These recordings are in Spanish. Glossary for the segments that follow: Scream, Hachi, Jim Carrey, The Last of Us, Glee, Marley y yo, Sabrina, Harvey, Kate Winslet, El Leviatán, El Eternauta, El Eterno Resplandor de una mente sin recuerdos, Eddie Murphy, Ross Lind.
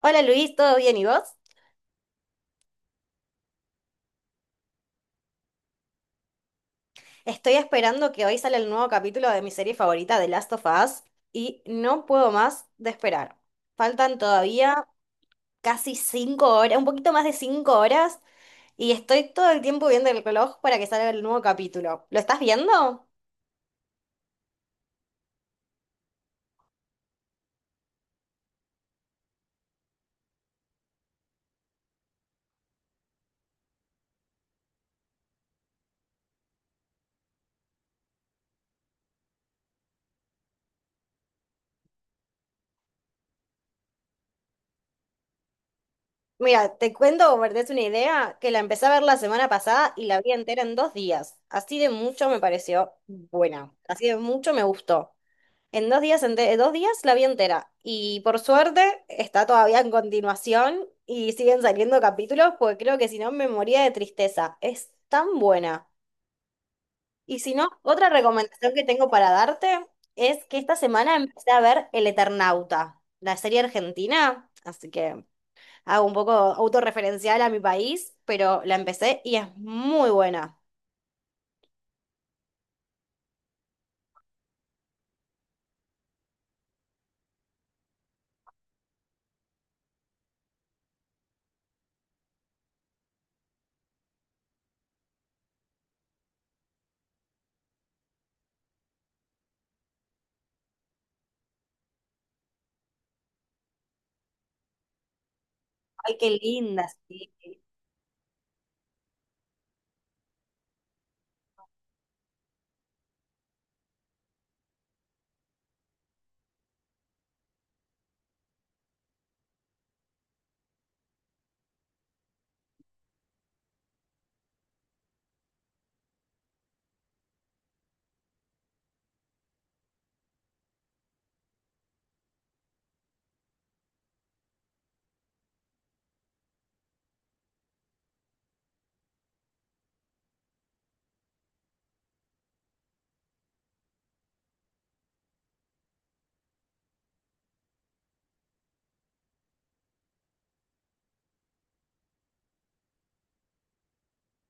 Hola Luis, ¿todo bien y vos? Estoy esperando que hoy sale el nuevo capítulo de mi serie favorita, The Last of Us, y no puedo más de esperar. Faltan todavía casi 5 horas, un poquito más de 5 horas, y estoy todo el tiempo viendo el reloj para que salga el nuevo capítulo. ¿Lo estás viendo? Mira, te cuento, como para que te es una idea, que la empecé a ver la semana pasada y la vi entera en 2 días. Así de mucho me pareció buena, así de mucho me gustó. En dos días, 2 días la vi entera. Y por suerte está todavía en continuación y siguen saliendo capítulos porque creo que si no me moría de tristeza. Es tan buena. Y si no, otra recomendación que tengo para darte es que esta semana empecé a ver El Eternauta, la serie argentina. Así que hago un poco autorreferencial a mi país, pero la empecé y es muy buena. Ay, qué linda, sí.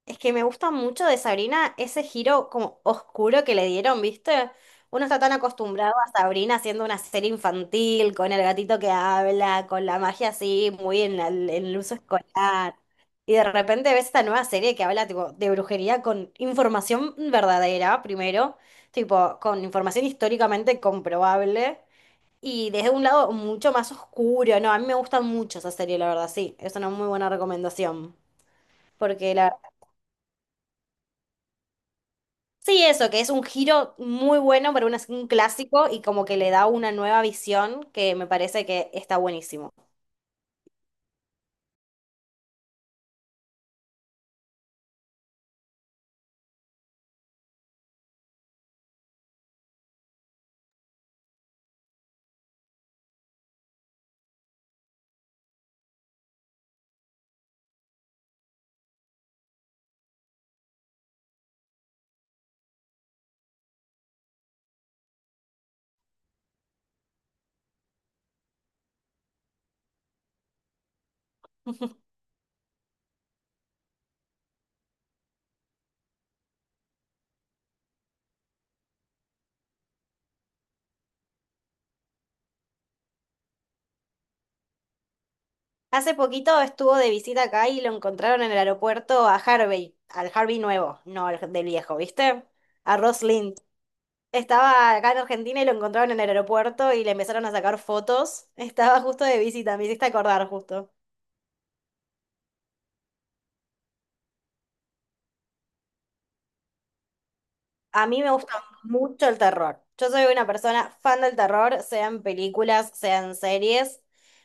Es que me gusta mucho de Sabrina ese giro como oscuro que le dieron, ¿viste? Uno está tan acostumbrado a Sabrina haciendo una serie infantil, con el gatito que habla, con la magia así, muy en el uso escolar. Y de repente ves esta nueva serie que habla tipo, de brujería con información verdadera, primero, tipo, con información históricamente comprobable, y desde un lado mucho más oscuro. No, a mí me gusta mucho esa serie, la verdad, sí. Es una muy buena recomendación. Porque la. Sí, eso, que es un giro muy bueno para un clásico y como que le da una nueva visión que me parece que está buenísimo. Hace poquito estuvo de visita acá y lo encontraron en el aeropuerto a Harvey, al Harvey nuevo, no al del viejo, ¿viste? A Ross Lind. Estaba acá en Argentina y lo encontraron en el aeropuerto y le empezaron a sacar fotos. Estaba justo de visita, me hiciste acordar justo. A mí me gusta mucho el terror. Yo soy una persona fan del terror, sean películas, sean series.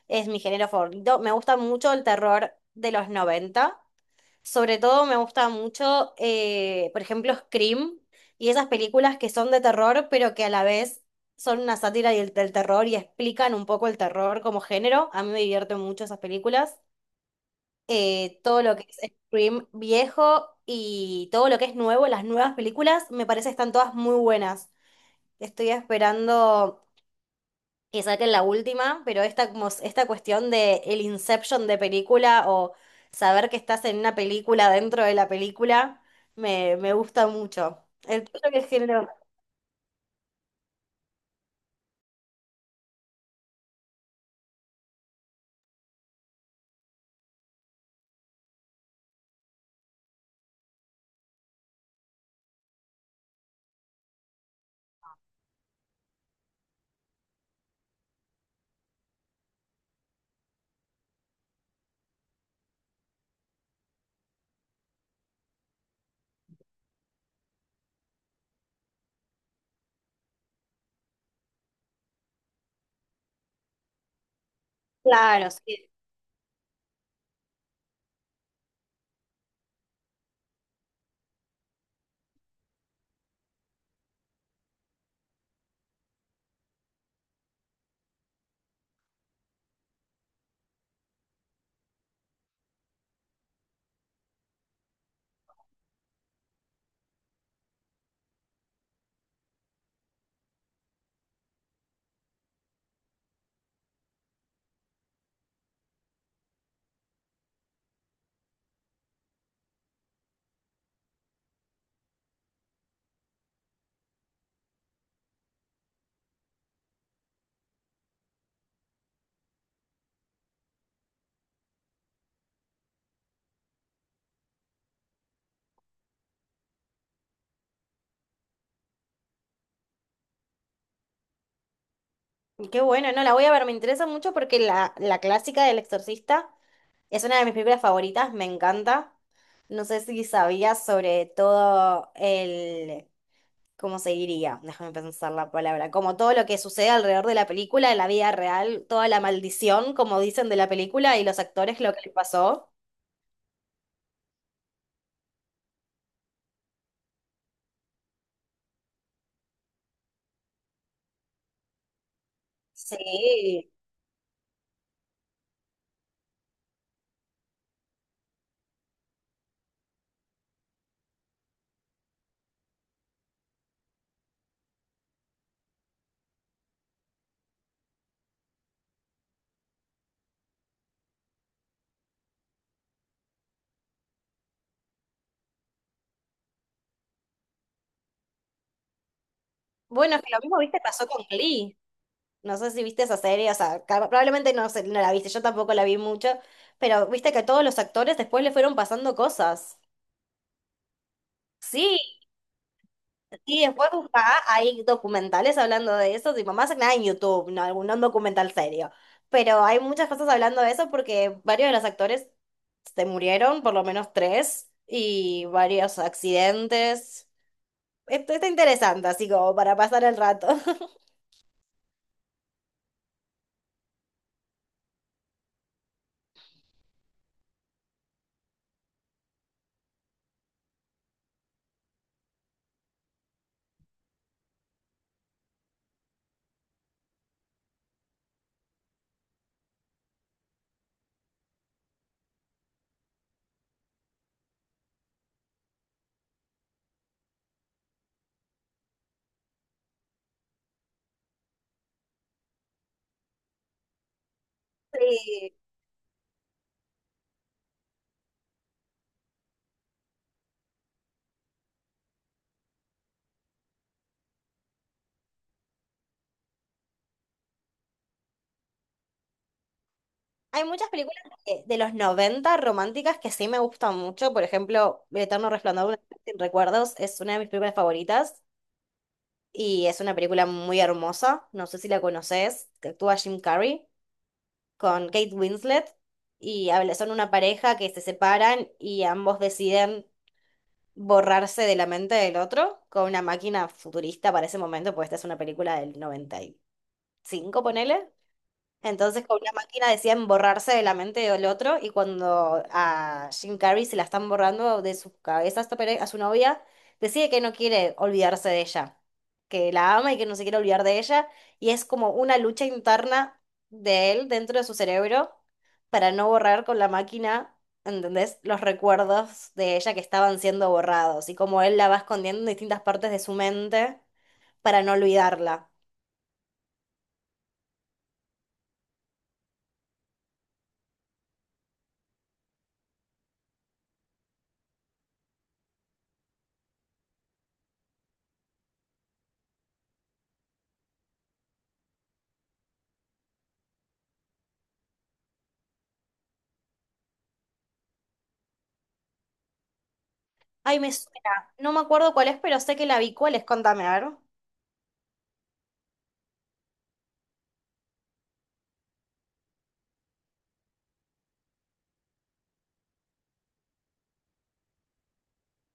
Es mi género favorito. Me gusta mucho el terror de los 90. Sobre todo me gusta mucho, por ejemplo, Scream y esas películas que son de terror, pero que a la vez son una sátira del terror y explican un poco el terror como género. A mí me divierten mucho esas películas, todo lo que es Scream viejo y todo lo que es nuevo, las nuevas películas, me parece que están todas muy buenas. Estoy esperando que saquen la última, pero esta, como esta cuestión de el inception de película o saber que estás en una película dentro de la película, me gusta mucho. El tuyo que género. Claro, sí. Qué bueno, no, la voy a ver, me interesa mucho porque la clásica del exorcista. Es una de mis películas favoritas, me encanta. No sé si sabías sobre todo el, ¿cómo se diría? Déjame pensar la palabra. Como todo lo que sucede alrededor de la película, en la vida real, toda la maldición, como dicen, de la película y los actores, lo que les pasó. Sí. Bueno, es que lo mismo, viste, pasó con Glee. No sé si viste esa serie, o sea, probablemente no, no la viste, yo tampoco la vi mucho, pero viste que a todos los actores después le fueron pasando cosas. Sí. Y después buscá, hay documentales hablando de eso, tipo, más que nada en YouTube, no algún no un documental serio. Pero hay muchas cosas hablando de eso porque varios de los actores se murieron, por lo menos tres, y varios accidentes. Esto está interesante, así como para pasar el rato. Sí. Hay muchas películas de los 90 románticas que sí me gustan mucho. Por ejemplo, El Eterno Resplandor de una mente sin recuerdos es una de mis películas favoritas. Y es una película muy hermosa, no sé si la conoces, que actúa Jim Carrey con Kate Winslet y son una pareja que se separan y ambos deciden borrarse de la mente del otro con una máquina futurista para ese momento, pues esta es una película del 95 ponele. Entonces con una máquina decían borrarse de la mente del otro y cuando a Jim Carrey se la están borrando de su cabeza a su novia, decide que no quiere olvidarse de ella, que la ama y que no se quiere olvidar de ella y es como una lucha interna de él dentro de su cerebro para no borrar con la máquina, ¿entendés? Los recuerdos de ella que estaban siendo borrados y como él la va escondiendo en distintas partes de su mente para no olvidarla. Ay, me suena. No me acuerdo cuál es, pero sé que la vi. ¿Cuál es? Contame, a ver.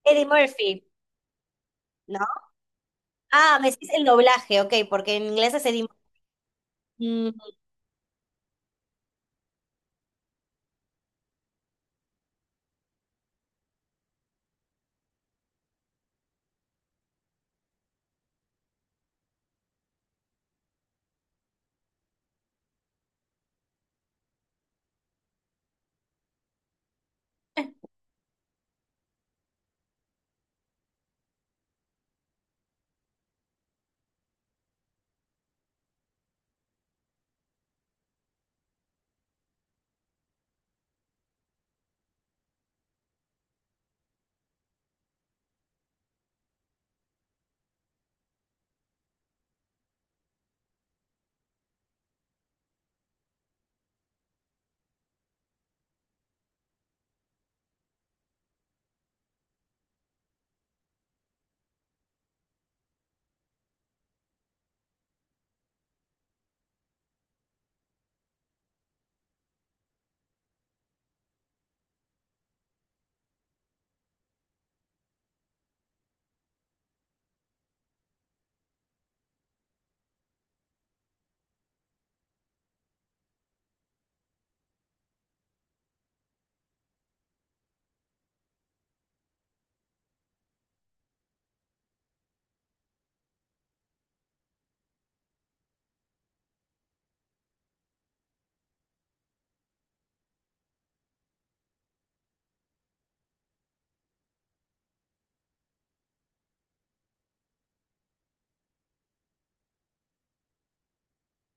Eddie Murphy. ¿No? Ah, me decís el doblaje, ok, porque en inglés es Eddie Murphy. Mm.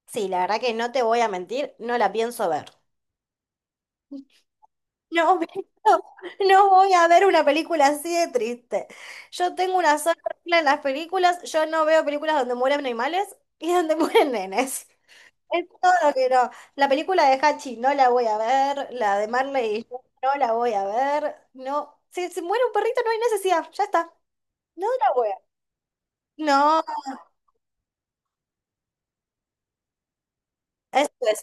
Sí, la verdad que no te voy a mentir, no la pienso ver. No, no, no voy a ver una película así de triste. Yo tengo una sola regla en las películas, yo no veo películas donde mueren animales y donde mueren nenes. Es todo que no. La película de Hachi no la voy a ver, la de Marley y yo no la voy a ver. No, si se muere un perrito no hay necesidad, ya está. No la voy a. No, eso es.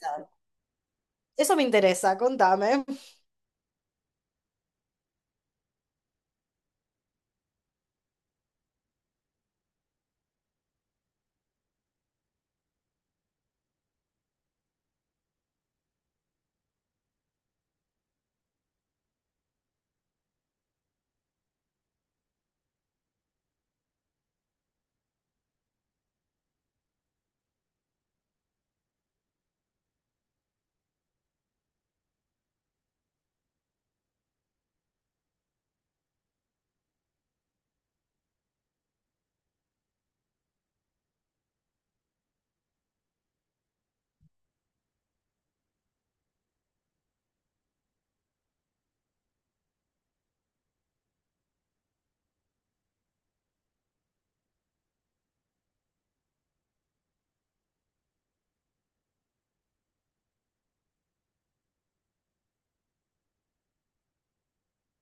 Eso me interesa, contame.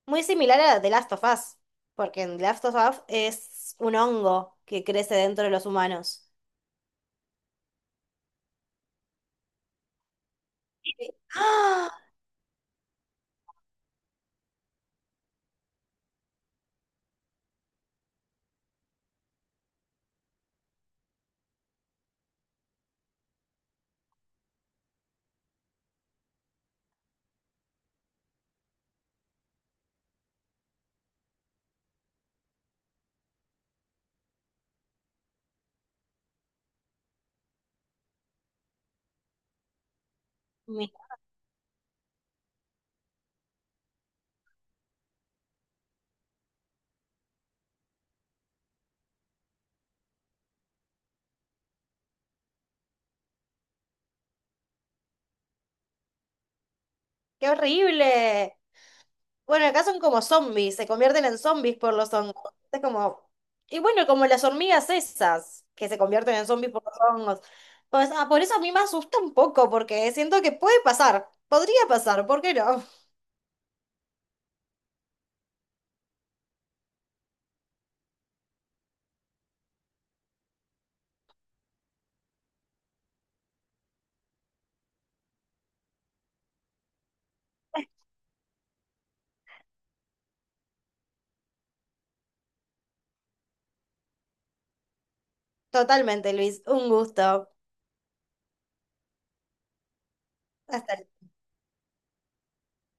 Muy similar a la de Last of Us, porque en The Last of Us es un hongo que crece dentro de los humanos. ¡Ah! Mi-. ¡Qué horrible! Bueno, acá son como zombies, se convierten en zombies por los hongos. Es como. Y bueno, como las hormigas esas, que se convierten en zombies por los hongos. Pues, ah, por eso a mí me asusta un poco, porque siento que puede pasar. Podría pasar, ¿por qué no? Totalmente, Luis. Un gusto. Hasta luego.